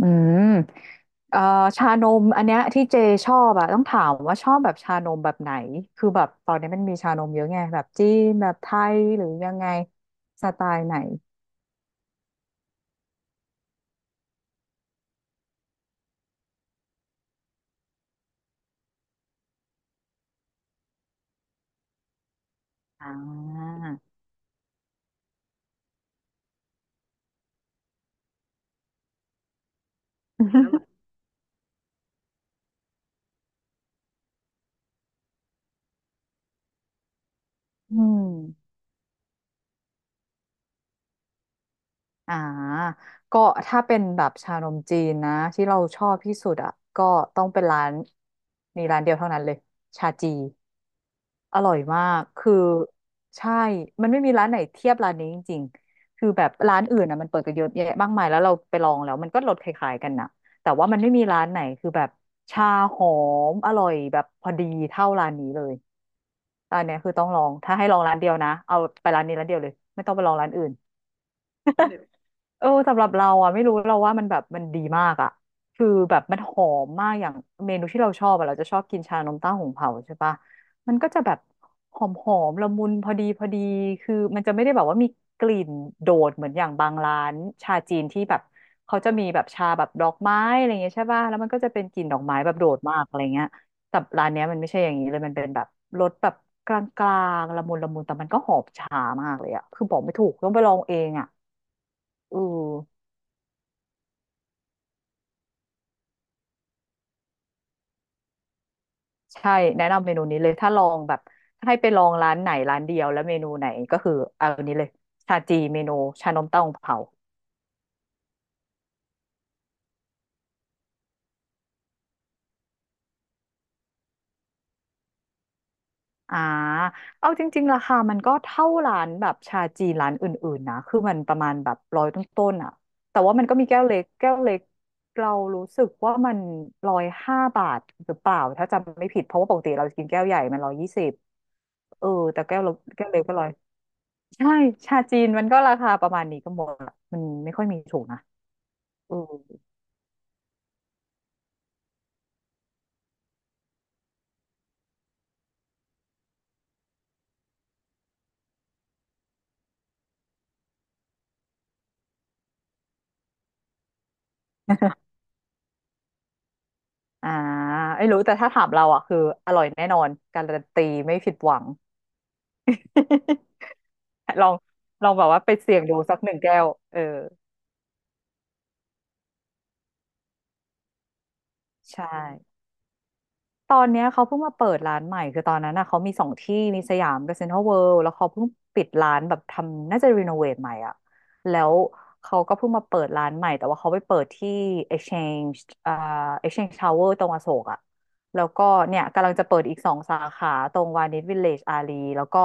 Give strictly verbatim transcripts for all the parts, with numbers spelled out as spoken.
อืมเอ่อชานมอันเนี้ยที่เจชอบอะต้องถามว่าชอบแบบชานมแบบไหนคือแบบตอนนี้มันมีชานมเยอะไงแบบจีนแบบไทยหรือยังไงสไตล์ไหนอ่า อืมอ่าก็ถ้าเป็นแบบชานมจีนนะที่เราชอบที่สุดอ่ะก็ต้องเป็นร้านมีร้านเดียวเท่านั้นเลยชาจี อร่อยมาก คือใช่ มันไม่มีร้านไหนเทียบร้านนี้จริงๆคือแบบร้านอื่นอ่ะมันเปิดกันเยอะแยะมากมายแล้วเราไปลองแล้วมันก็รสคล้ายๆกันนะแต่ว่ามันไม่มีร้านไหนคือแบบชาหอมอร่อยแบบพอดีเท่าร้านนี้เลยร้านเนี้ยคือต้องลองถ้าให้ลองร้านเดียวนะเอาไปร้านนี้ร้านเดียวเลยไม่ต้องไปลองร้านอื่น เออสำหรับเราอ่ะไม่รู้เราว่ามันแบบมันดีมากอ่ะคือแบบมันหอมมากอย่างเมนูที่เราชอบอ่ะเราจะชอบกินชานมเต้าหู้เผาใช่ปะมันก็จะแบบหอมหอมละมุนพอดีพอดีคือมันจะไม่ได้แบบว่ามีกลิ่นโดดเหมือนอย่างบางร้านชาจีนที่แบบเขาจะมีแบบชาแบบดอกไม้อะไรเงี้ยใช่ปะแล้วมันก็จะเป็นกลิ่นดอกไม้แบบโดดมากอะไรเงี้ยแต่ร้านเนี้ยมันไม่ใช่อย่างนี้เลยมันเป็นแบบรสแบบกลางๆละมุนละมุนแต่มันก็หอมชามากเลยอ่ะคือบอกไม่ถูกต้องไปลองเองอ่ะเออ ใช่แนะนำเมนูนี้เลยถ้าลองแบบถ้าให้ไปลองร้านไหนร้านเดียวแล้วเมนูไหนก็คือเอาอันนี้เลยชาจีเมนูชานมเต้าหู้เผาอ่าเอาจริงๆราคามันก็เท่าร้านแบบชาจีนร้านอื่นๆนะคือมันประมาณแบบร้อยต้นๆอ่ะแต่ว่ามันก็มีแก้วเล็กแก้วเล็กเรารู้สึกว่ามันร้อยห้าบาทหรือเปล่าถ้าจำไม่ผิดเพราะว่าปกติเราจะกินแก้วใหญ่มันร้อยยี่สิบเออแต่แก้วเล็กแก้วเล็กก็ร้อยใช่ชาจีนมันก็ราคาประมาณนี้ก็หมดละมันไม่ค่อยมีถูกนะ อืมอ่าไม่รู้ แต่ถ้าถามเราอ่ะคืออร่อยแน่นอน การันตีไม่ผิดหวัง ลองลองแบบว่าไปเสี่ยงดูสักหนึ่งแก้ว เออ ใช่ ตอนเนี้ยเขาเพิ่งมาเปิดร้านใหม่คือตอนนั้นน่ะเขามีสองที่มีสยามกับเซ็นทรัลเวิลด์แล้วเขาเพิ่งปิดร้านแบบทำน่าจะรีโนเวทใหม่อ่ะแล้วเขาก็เพิ่งมาเปิดร้านใหม่แต่ว่าเขาไปเปิดที่ Exchange อ่า Exchange Tower ตรงอโศกอ่ะแล้วก็เนี่ยกำลังจะเปิดอีกสองสาขาตรงวานิชวิลเลจอารีแล้วก็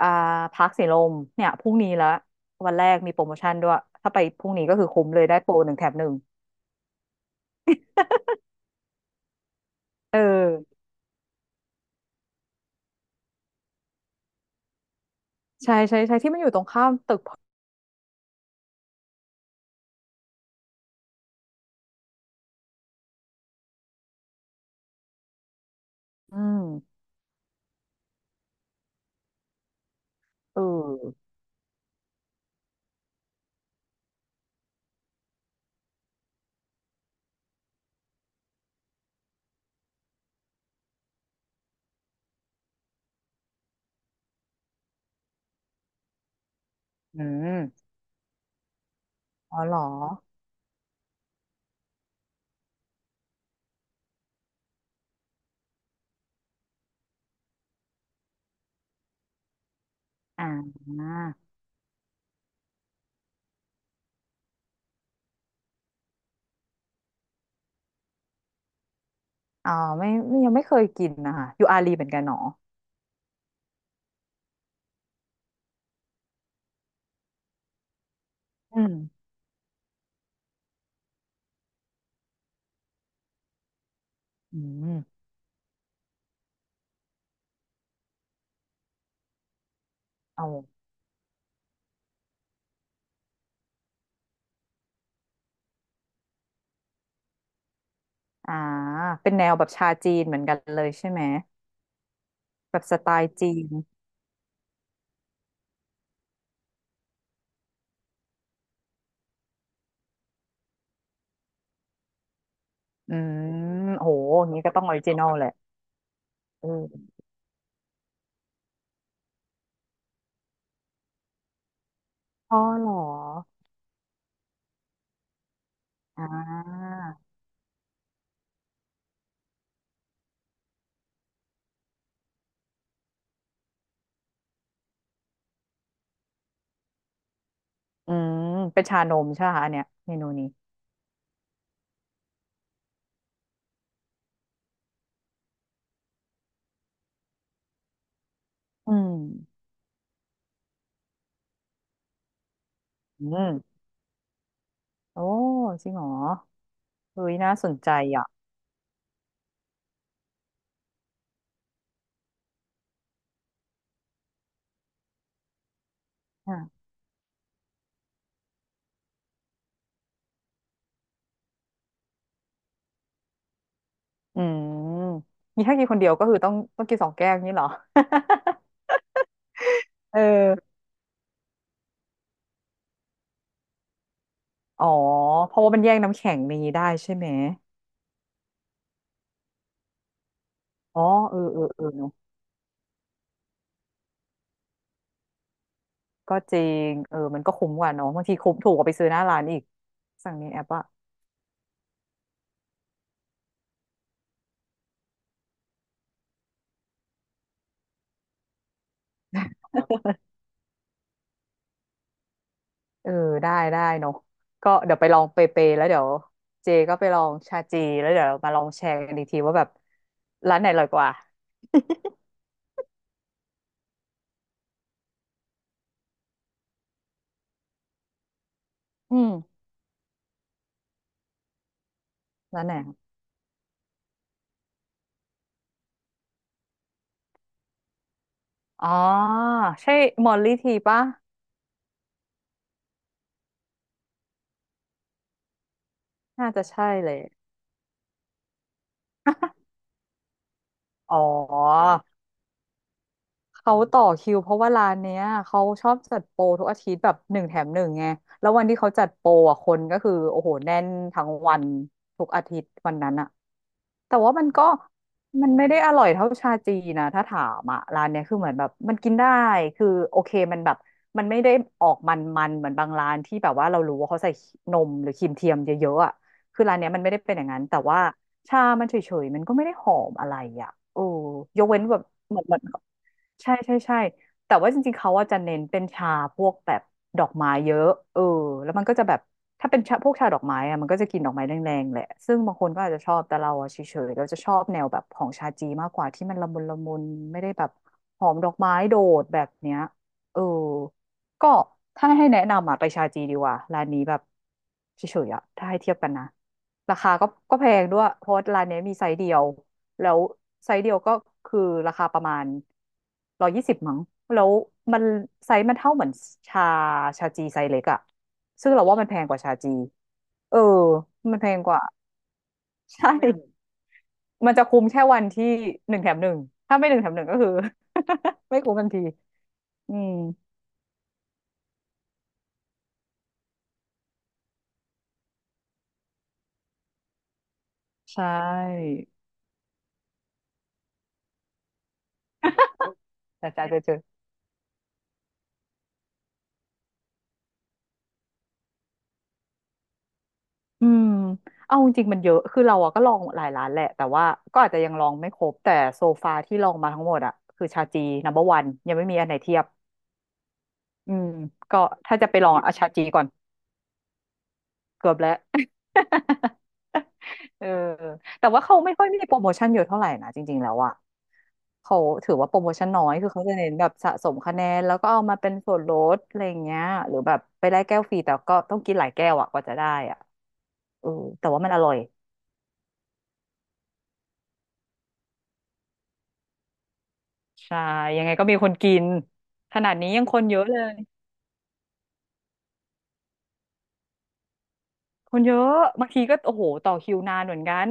อ่าพาร์คสีลมเนี่ยพรุ่งนี้ละวันแรกมีโปรโมชั่นด้วยถ้าไปพรุ่งนี้ก็คือคุ้มเลยได้โปรหนึ่งแถมหนึ่งเออใช่ใช่ใช่ที่มันอยู่ตรงข้ามตึกอืม เอออืมอ๋อเหรออ่าอ๋อไม่ไม่ยังไม่เคยกินนะคะอยู่อาลีเหมือนกันเนาะอืมอืมเอาอ่าเป็นแนวแบบชาจีนเหมือนกันเลยใช่ไหมแบบสไตล์จีนอืมโหอย่างนี้ก็ต้องออริจินอลแหละเอออ๋อเหรออ่าอืมเป็นชานมใช่ไหมคะอันเนี้ยเมนูนี้อืมอืมโอ้จริงเหรอเฮ้ยน่าสนใจอ่ะ อืมมีถ้ากินคนเดียวก็คือต้องต้องกินสองแก้วนี้เหรอ เอออ๋อเพราะว่ามันแย่งน้ำแข็งนี้ได้ใช่ไหมอ๋อเออเออเออเนอะก็จริงเออมันก็คุ้มกว่าเนอะบางทีคุ้มถูกกว่าไปซื้อหน้าร้านอีกสั่งในแอปอะเออได้ได้เนอะก็เดี๋ยวไปลองเปเปแล้วเดี๋ยวเจก็ไปลองชาจีแล้วเดี๋ยวมาลองแชร์กันอีกทีว่าแบบร้านไหนอร่อยกว่า อืมร้านไหนครับอ๋อใช่มอลลี่ทีปะน่าจะใช่เลยอ๋อ เขาต่อคิวเพราะว่าร้านเนี้ยเขาชอบจัดโปรทุกอาทิตย์แบบหนึ่งแถมหนึ่งไงแล้ววันที่เขาจัดโปรอ่ะคนก็คือโอ้โหแน่นทั้งวันทุกอาทิตย์วันนั้นอะแต่ว่ามันก็มันไม่ได้อร่อยเท่าชาจีนะถ้าถามอะร้านเนี้ยคือเหมือนแบบมันกินได้คือโอเคมันแบบมันไม่ได้ออกมันมันเหมือนบางร้านที่แบบว่าเรารู้ว่าเขาใส่นมหรือครีมเทียมเยอะๆอะคือร้านเนี้ยมันไม่ได้เป็นอย่างนั้นแต่ว่าชามันเฉยๆมันก็ไม่ได้หอมอะไรอะโอ้ยกเว้นแบบเหมือนเหมือน ใช่ใช่ใช่แต่ว่าจริงๆเขาว่าจะเน้นเป็นชาพวกแบบดอกไม้เยอะเออแล้วมันก็จะแบบถ้าเป็นชาพวกชาดอกไม้อะมันก็จะกินดอกไม้แรงๆแหละซึ่งบางคนก็อาจจะชอบแต่เราอะเฉยๆเราจะชอบแนวแบบของชาจีมากกว่าที่มันละมุนละมุนไม่ได้แบบหอมดอกไม้โดดแบบเนี้ยเออก็ถ้าให้แนะนำอะไปชาจีดีกว่าร้านนี้แบบเฉยๆอะถ้าให้เทียบกันนะราคาก็ก็แพงด้วยเพราะว่าร้านเนี้ยมีไซส์เดียว แล้วไซส์เดียวก็คือราคาประมาณร้อยยี่สิบมั้งแล้วมันไซส์มันเท่าเหมือนชาชาจีไซส์เล็กอะซึ่งเราว่ามันแพงกว่าชาจีเออมันแพงกว่าใช่มมันจะคุ้มแค่วันที่หนึ่งแถมหนึ่งถ้าไม่หนึ่งแถมหนึ่งก็คือ ไม่คุ้มทันทีอืมใช่แต่จ่ายเจอๆอืมเอาจริงๆมันเยอะคือเราอะก็ลองหลายร้านแหละแต่ว่าก็อาจจะยังลองไม่ครบ แต่โซฟาที่ลองมาทั้งหมดอะคือชาจีนัมเบอร์วันยังไม่มีอันไหนเทียบ อืมก็ถ้าจะไปลองเอาชาจีก่อนเกือบแล้ว เออแต่ว่าเขาไม่ค่อยมีโปรโมชั่นเยอะเท่าไหร่นะจริงๆแล้วอ่ะเขาถือว่าโปรโมชั่นน้อยคือเขาจะเน้นแบบสะสมคะแนนแล้วก็เอามาเป็นส่วนลดอะไรอย่างเงี้ยหรือแบบไปได้แก้วฟรีแต่ก็ต้องกินหลายแก้วอ่ะกว่าจะได้อ่ะเออแต่ว่ามันอร่อยใช่ยังไงก็มีคนกินขนาดนี้ยังคนเยอะเลยคนเยอะบางทีก็โอ้โหต่อคิวนานเหมือนกัน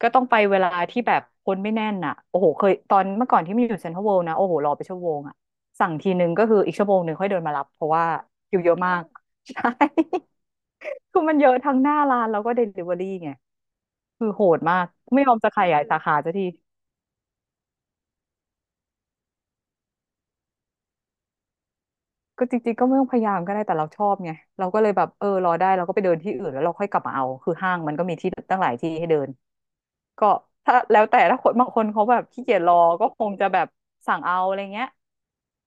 ก็ต้องไปเวลาที่แบบคนไม่แน่นอ่ะโอ้โหเคยตอนเมื่อก่อนที่มีอยู่เซ็นทรัลเวิลด์นะโอ้โหรอไปชั่วโมงอ่ะสั่งทีนึงก็คืออีกชั่วโมงหนึ่งค่อยเดินมารับเพราะว่าคิวเยอะมาก ใช่ คือมันเยอะทั้งหน้าร้านแล้วก็เดลิเวอรี่ไงคือโหดมากไม่ยอมจะขยายสาขาสักทีก็จริงๆก็ไม่ต้องพยายามก็ได้แต่เราชอบไงเราก็เลยแบบเออรอได้เราก็ไปเดินที่อื่นแล้วเราค่อยกลับมาเอาคือห้างมันก็มีที่ตั้งหลายที่ให้เดินก็ถ้าแล้วแต่ถ้าคนบางคนเขาแบบขี้เกียจรอก็คงจะแบบสั่งเอาอะไรเงี้ย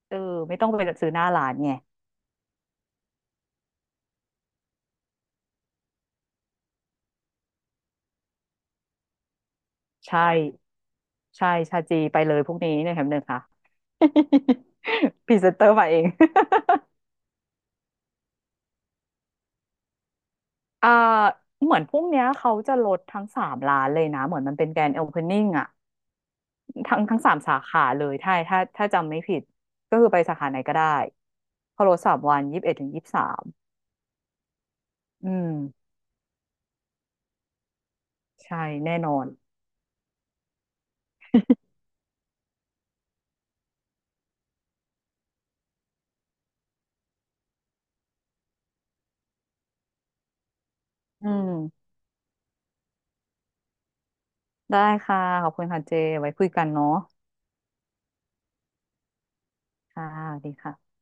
เออไม่ต้องไปซื้อหน้าร้านไง ใช่ใช่ชาจีไปเลยพวกนี้เนี่ยแถมหนึ่งค่ะ พรีเซนเตอร์มาเอง อ่าเหมือนพวกเนี้ยเขาจะลดทั้งสามร้านเลยนะเหมือนมันเป็นแกรนด์โอเพนนิ่งอะทั้งทั้งสามสาขาเลยถ้าถ้าถ้าจำไม่ผิดก็คือไปสาขาไหนก็ได้เขาลดสามวันยี่สิบเอ็ดถึงยี่สิบสามอืมใช่แน่นอนอืมได้ค่ะขอบคุณค่ะเจไว้คุยกันเนาะค่ะสวัสดีค่ะ